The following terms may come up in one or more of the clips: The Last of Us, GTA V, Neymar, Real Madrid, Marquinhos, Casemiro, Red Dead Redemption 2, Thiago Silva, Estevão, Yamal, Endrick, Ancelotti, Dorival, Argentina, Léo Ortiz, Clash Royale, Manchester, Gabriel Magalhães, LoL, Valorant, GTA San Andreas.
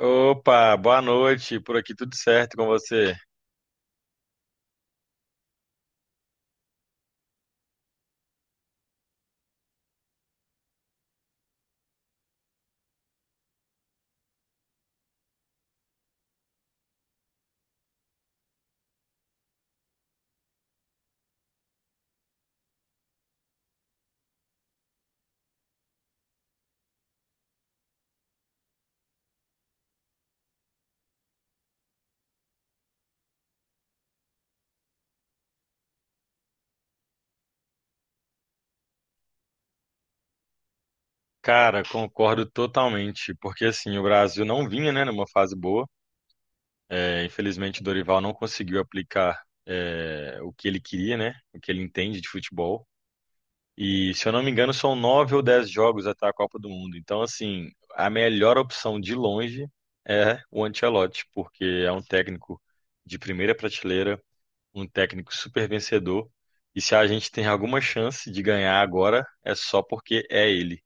Opa, boa noite. Por aqui tudo certo com você? Cara, concordo totalmente, porque assim, o Brasil não vinha, né, numa fase boa. Infelizmente, o Dorival não conseguiu aplicar o que ele queria, né, o que ele entende de futebol. E, se eu não me engano, são 9 ou 10 jogos até a Copa do Mundo. Então, assim, a melhor opção de longe é o Ancelotti, porque é um técnico de primeira prateleira, um técnico super vencedor. E se a gente tem alguma chance de ganhar agora, é só porque é ele.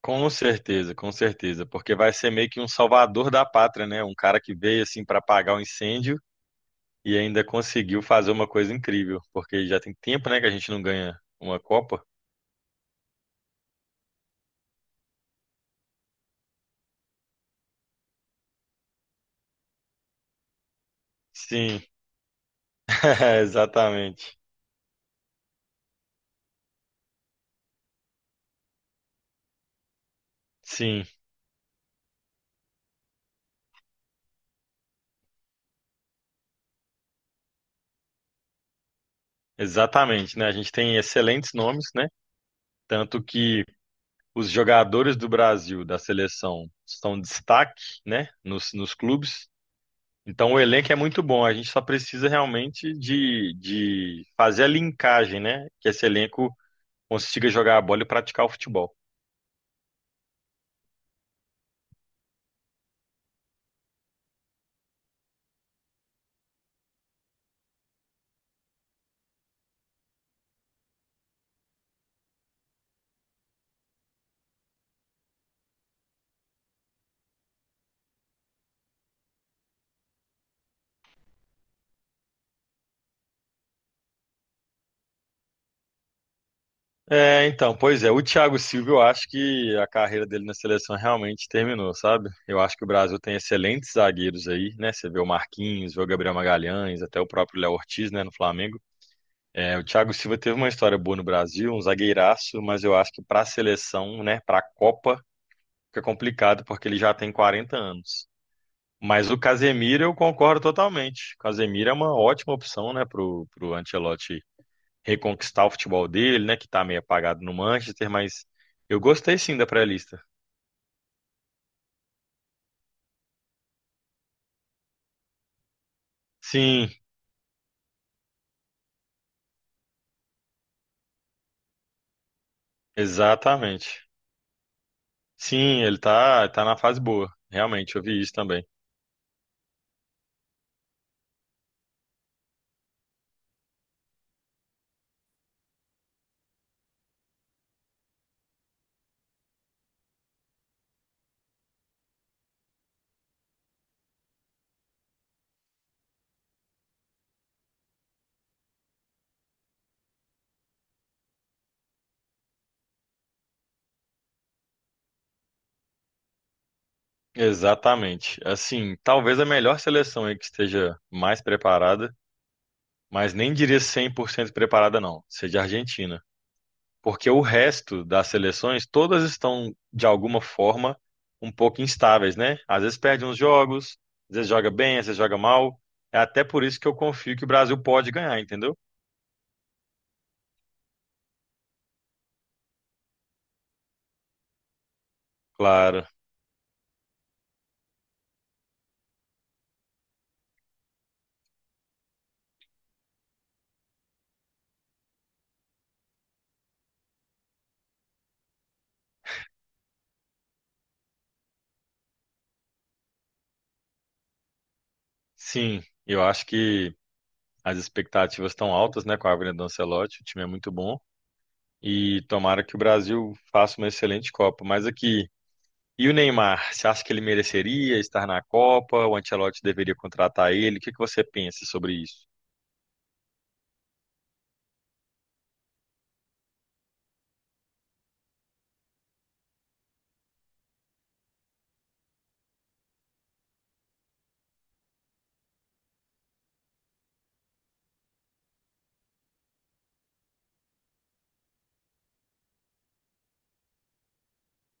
Com certeza, porque vai ser meio que um salvador da pátria, né? Um cara que veio assim para apagar o incêndio e ainda conseguiu fazer uma coisa incrível, porque já tem tempo, né, que a gente não ganha uma Copa. Sim, é, exatamente. Sim, exatamente, né? A gente tem excelentes nomes, né? Tanto que os jogadores do Brasil, da seleção, são destaque, né, nos clubes. Então o elenco é muito bom, a gente só precisa realmente de fazer a linkagem, né? Que esse elenco consiga jogar a bola e praticar o futebol. Então, pois é, o Thiago Silva, eu acho que a carreira dele na seleção realmente terminou, sabe? Eu acho que o Brasil tem excelentes zagueiros aí, né? Você vê o Marquinhos, vê o Gabriel Magalhães, até o próprio Léo Ortiz, né, no Flamengo. É, o Thiago Silva teve uma história boa no Brasil, um zagueiraço, mas eu acho que para a seleção, né, para a Copa, fica complicado porque ele já tem 40 anos. Mas o Casemiro eu concordo totalmente. O Casemiro é uma ótima opção, né, pro Ancelotti reconquistar o futebol dele, né, que tá meio apagado no Manchester, mas eu gostei sim da pré-lista. Sim, exatamente. Sim, ele tá na fase boa. Realmente, eu vi isso também. Exatamente. Assim, talvez a melhor seleção aí que esteja mais preparada, mas nem diria 100% preparada, não, seja a Argentina. Porque o resto das seleções, todas estão, de alguma forma, um pouco instáveis, né? Às vezes perde uns jogos, às vezes joga bem, às vezes joga mal. É até por isso que eu confio que o Brasil pode ganhar, entendeu? Claro. Sim, eu acho que as expectativas estão altas, né, com a vinda do Ancelotti, o time é muito bom. E tomara que o Brasil faça uma excelente Copa. Mas aqui, e o Neymar? Você acha que ele mereceria estar na Copa? O Ancelotti deveria contratar ele? O que que você pensa sobre isso?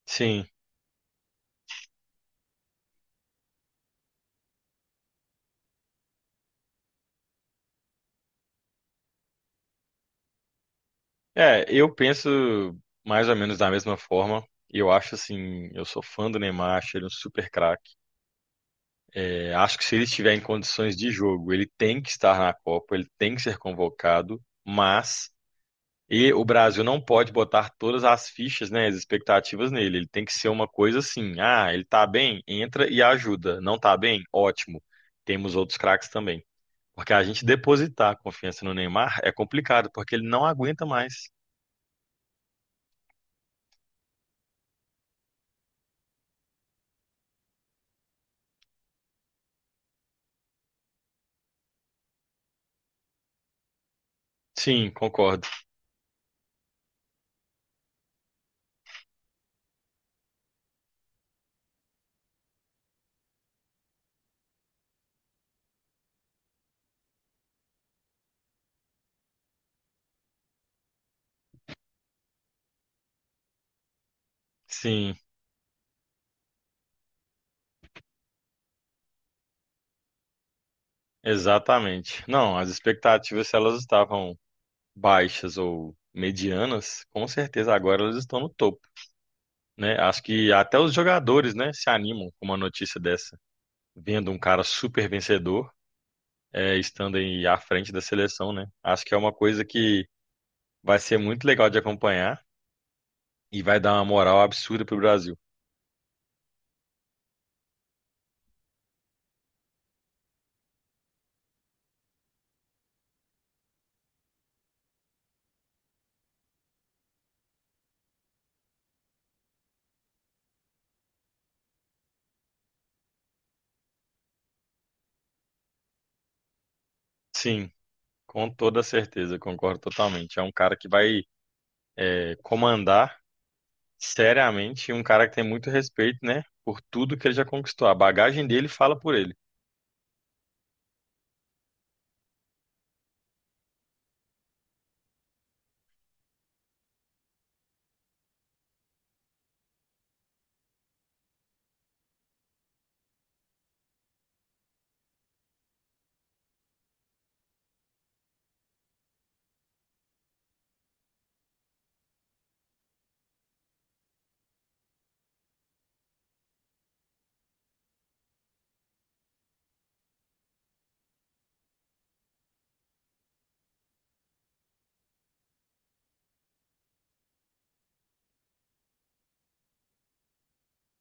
Sim. É, eu penso mais ou menos da mesma forma. Eu acho assim, eu sou fã do Neymar, acho ele um super craque. É, acho que se ele estiver em condições de jogo, ele tem que estar na Copa, ele tem que ser convocado, mas o Brasil não pode botar todas as fichas, né, as expectativas nele. Ele tem que ser uma coisa assim, ah, ele tá bem, entra e ajuda. Não tá bem? Ótimo. Temos outros craques também. Porque a gente depositar a confiança no Neymar é complicado, porque ele não aguenta mais. Sim, concordo. Sim, exatamente. Não, as expectativas, se elas estavam baixas ou medianas, com certeza agora elas estão no topo, né? Acho que até os jogadores, né, se animam com uma notícia dessa, vendo um cara super vencedor, estando aí à frente da seleção, né? Acho que é uma coisa que vai ser muito legal de acompanhar e vai dar uma moral absurda pro Brasil. Sim, com toda certeza, concordo totalmente. É um cara que vai, comandar seriamente, um cara que tem muito respeito, né? Por tudo que ele já conquistou. A bagagem dele fala por ele.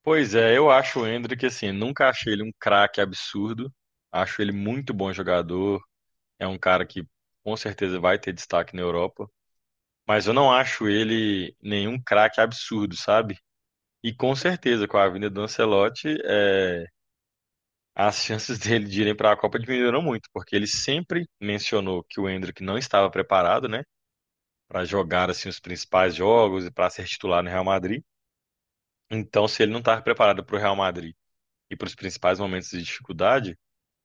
Pois é, eu acho o Endrick, assim, nunca achei ele um craque absurdo. Acho ele muito bom jogador. É um cara que com certeza vai ter destaque na Europa. Mas eu não acho ele nenhum craque absurdo, sabe? E com certeza, com a vinda do Ancelotti, é, as chances dele de irem para a Copa diminuíram muito, porque ele sempre mencionou que o Endrick não estava preparado, né? Para jogar assim os principais jogos e para ser titular no Real Madrid. Então, se ele não estava preparado para o Real Madrid e para os principais momentos de dificuldade,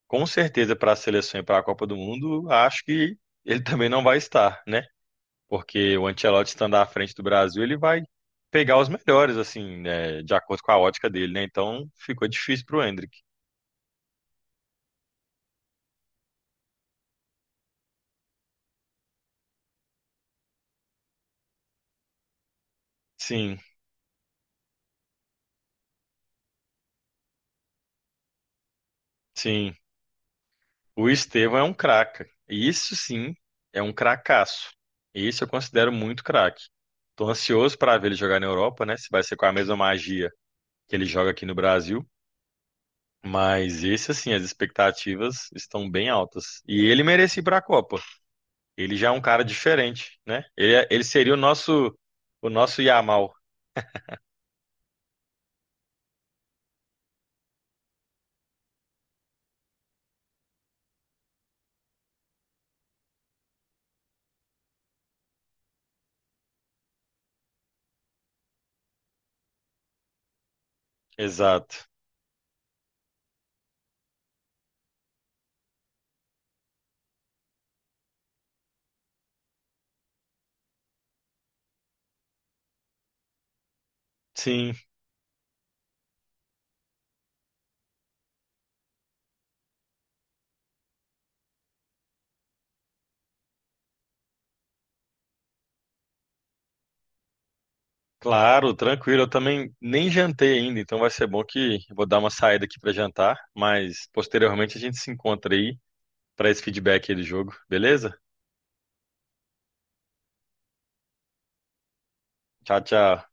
com certeza para a seleção e para a Copa do Mundo, acho que ele também não vai estar, né? Porque o Ancelotti estando à frente do Brasil, ele vai pegar os melhores, assim, né? De acordo com a ótica dele, né? Então, ficou difícil para o Endrick. Sim, sim. O Estevão é um craca. Isso sim é um cracaço. Isso eu considero muito craque. Tô ansioso para ver ele jogar na Europa, né? Se vai ser com a mesma magia que ele joga aqui no Brasil. Mas esse, assim, as expectativas estão bem altas. E ele merece ir para a Copa. Ele já é um cara diferente, né? Ele seria o nosso Yamal. Exato. Sim, claro, tranquilo. Eu também nem jantei ainda, então vai ser bom que eu vou dar uma saída aqui para jantar, mas posteriormente a gente se encontra aí para esse feedback aí do jogo, beleza? Tchau, tchau.